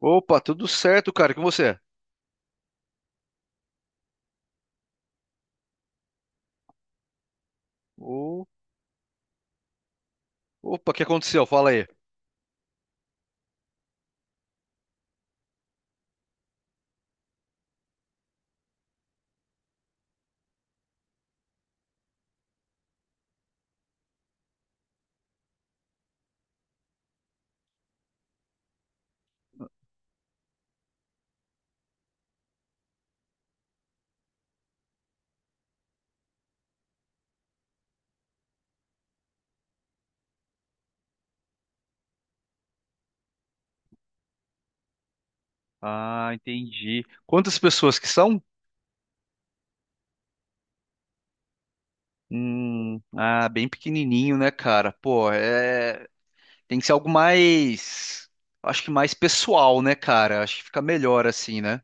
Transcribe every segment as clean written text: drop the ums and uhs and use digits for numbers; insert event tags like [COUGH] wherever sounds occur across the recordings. Opa, tudo certo, cara? E com você? Ô, opa, o que aconteceu? Fala aí. Ah, entendi. Quantas pessoas que são? Ah, bem pequenininho, né, cara? Pô, é, tem que ser algo mais, acho que mais pessoal, né, cara? Acho que fica melhor assim, né?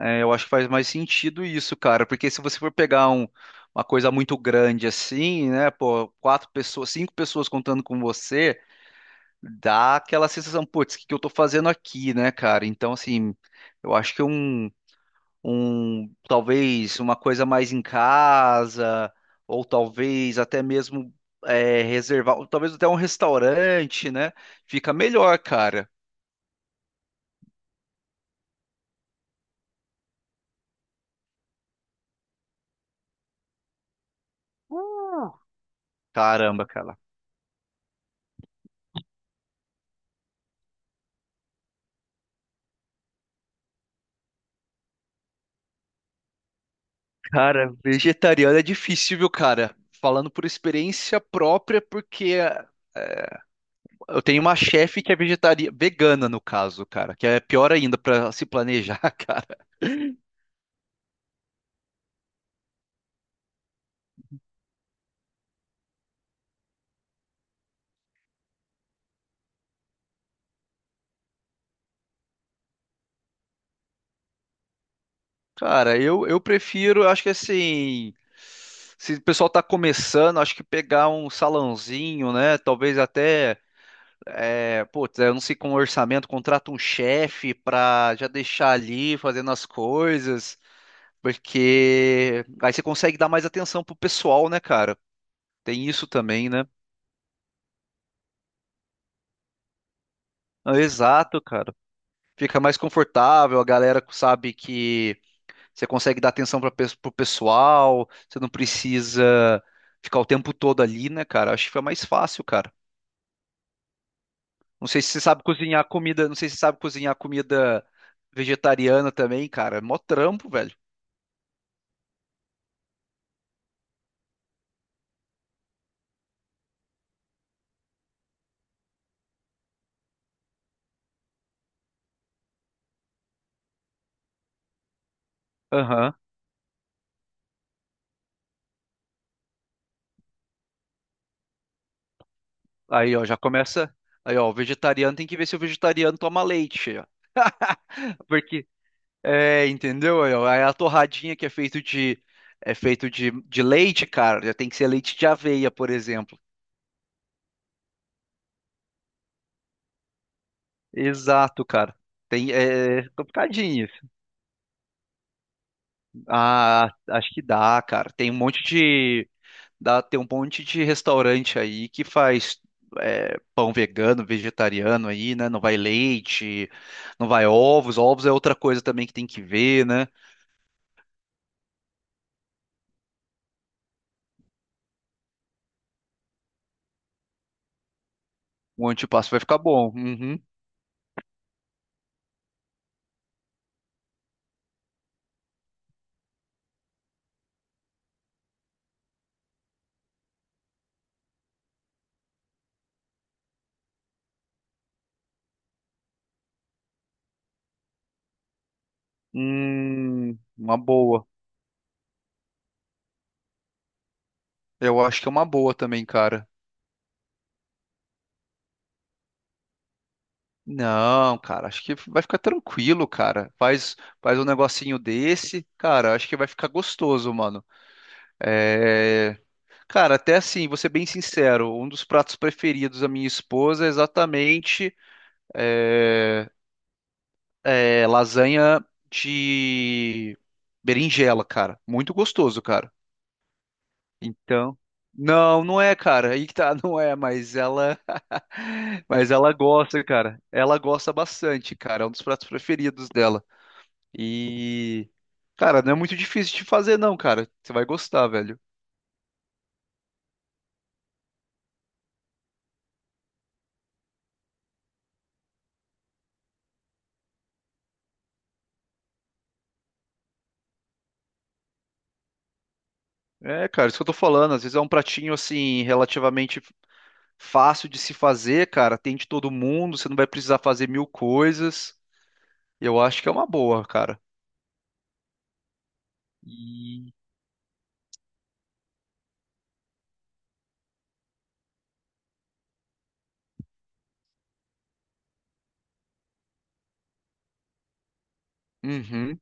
É, eu acho que faz mais sentido isso, cara, porque se você for pegar uma coisa muito grande assim, né, pô, quatro pessoas, cinco pessoas contando com você, dá aquela sensação, putz, o que que eu tô fazendo aqui, né, cara? Então, assim, eu acho que talvez uma coisa mais em casa, ou talvez até mesmo reservar, ou talvez até um restaurante, né? Fica melhor, cara. Caramba, cara. Cara, vegetariano é difícil, viu, cara? Falando por experiência própria, porque eu tenho uma chefe que é vegetariana, vegana no caso, cara, que é pior ainda pra se planejar, [LAUGHS] cara. Cara, eu prefiro, acho que assim, se o pessoal tá começando, acho que pegar um salãozinho, né? Talvez até, é, putz, eu não sei com orçamento, contrata um chefe pra já deixar ali fazendo as coisas, porque aí você consegue dar mais atenção pro pessoal, né, cara? Tem isso também, né? Ah, exato, cara. Fica mais confortável, a galera sabe que. Você consegue dar atenção para o pessoal, você não precisa ficar o tempo todo ali, né, cara? Acho que foi mais fácil, cara. Não sei se você sabe cozinhar comida, não sei se você sabe cozinhar comida vegetariana também, cara. É mó trampo, velho. Aham. Aí, ó, já começa. Aí, ó, o vegetariano tem que ver se o vegetariano toma leite, ó. [LAUGHS] Porque, é, entendeu? Aí, ó, aí a torradinha que é feito de é feito de leite, cara, já tem que ser leite de aveia, por exemplo. Exato, cara. Tem, é complicadinho. Ah, acho que dá, cara. Tem um monte de. Dá, tem um monte de restaurante aí que faz pão vegano, vegetariano aí, né? Não vai leite, não vai ovos. Ovos é outra coisa também que tem que ver, né? O antipasto vai ficar bom. Uhum. Uma boa. Eu acho que é uma boa também, cara. Não, cara, acho que vai ficar tranquilo, cara. Faz, faz um negocinho desse, cara, acho que vai ficar gostoso, mano. É. Cara, até assim, vou ser bem sincero, um dos pratos preferidos da minha esposa é exatamente é, lasanha de berinjela, cara. Muito gostoso, cara. Então, não, não é, cara. Aí que tá, [LAUGHS] não é, mas ela, [LAUGHS] mas ela gosta, cara. Ela gosta bastante, cara. É um dos pratos preferidos dela. E, cara, não é muito difícil de fazer, não, cara. Você vai gostar, velho. É, cara, isso que eu tô falando. Às vezes é um pratinho assim relativamente fácil de se fazer, cara. Tem de todo mundo, você não vai precisar fazer mil coisas. Eu acho que é uma boa, cara. E. Uhum.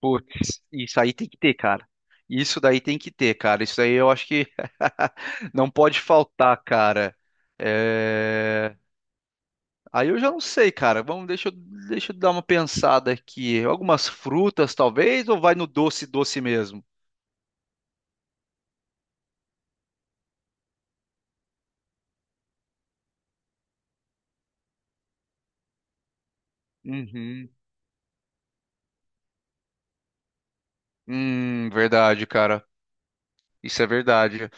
Putz, isso aí tem que ter, cara. Isso daí tem que ter, cara. Isso aí eu acho que [LAUGHS] não pode faltar, cara. É... Aí eu já não sei, cara. Vamos, deixa eu dar uma pensada aqui. Algumas frutas, talvez, ou vai no doce, doce mesmo? Uhum. Verdade, cara. Isso é verdade.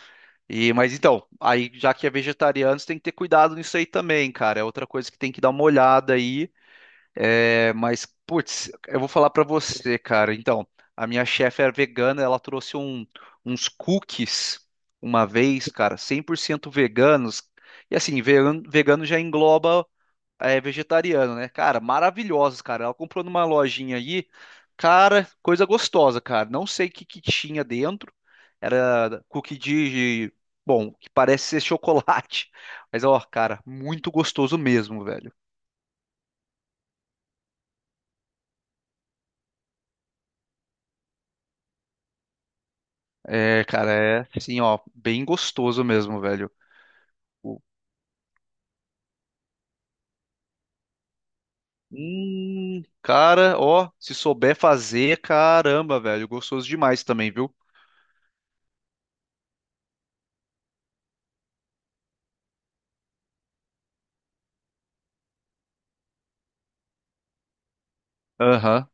E, mas então, aí já que é vegetariano, você tem que ter cuidado nisso aí também, cara. É outra coisa que tem que dar uma olhada aí. É, mas, putz, eu vou falar pra você, cara. Então, a minha chefe era vegana, ela trouxe uns cookies uma vez, cara, 100% veganos. E assim, vegano já engloba é vegetariano, né? Cara, maravilhosos, cara. Ela comprou numa lojinha aí, cara, coisa gostosa, cara. Não sei o que que tinha dentro. Era cookie de, bom, que parece ser chocolate. [LAUGHS] Mas ó, cara, muito gostoso mesmo, velho. É, cara, é assim, ó, bem gostoso mesmo, velho. O- cara, ó, se souber fazer, caramba, velho, gostoso demais também, viu? Aham.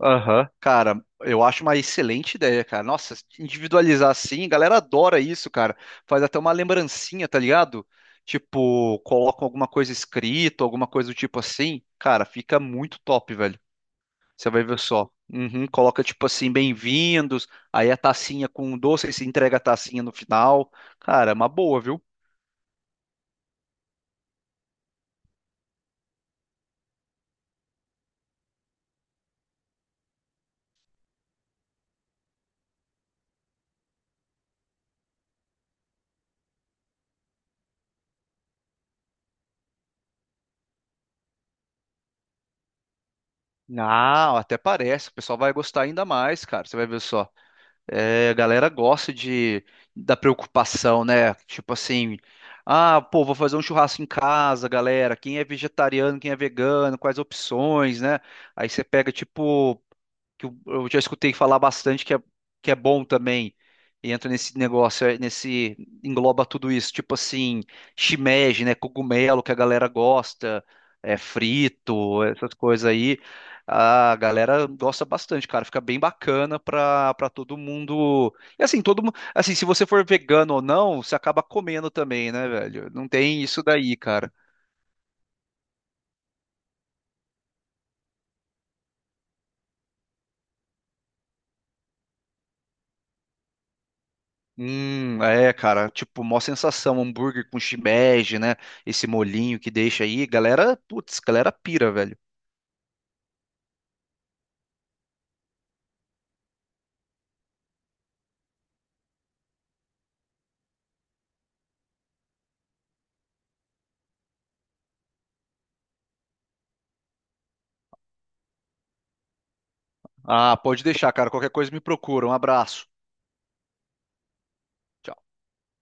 Aham, cara, eu acho uma excelente ideia, cara. Nossa, individualizar assim, a galera adora isso, cara. Faz até uma lembrancinha, tá ligado? Tipo, colocam alguma coisa escrita, alguma coisa do tipo assim. Cara, fica muito top, velho. Você vai ver só. Uhum, coloca tipo assim, bem-vindos, aí a tacinha com doce, aí se entrega a tacinha no final. Cara, é uma boa, viu? Não, até parece. O pessoal vai gostar ainda mais, cara. Você vai ver só. É, a galera gosta de da preocupação, né? Tipo assim, ah, pô, vou fazer um churrasco em casa, galera. Quem é vegetariano, quem é vegano, quais opções, né? Aí você pega, tipo que eu já escutei falar bastante que é bom também. E entra nesse negócio, é, nesse engloba tudo isso, tipo assim, shimeji, né, cogumelo que a galera gosta, é frito, essas coisas aí. A galera gosta bastante, cara, fica bem bacana pra todo mundo. E assim, todo mundo, assim, se você for vegano ou não, você acaba comendo também, né, velho? Não tem isso daí, cara. É, cara, tipo, mó sensação, hambúrguer com shimeji, né? Esse molinho que deixa aí, galera, putz, galera pira, velho. Ah, pode deixar, cara, qualquer coisa me procura. Um abraço.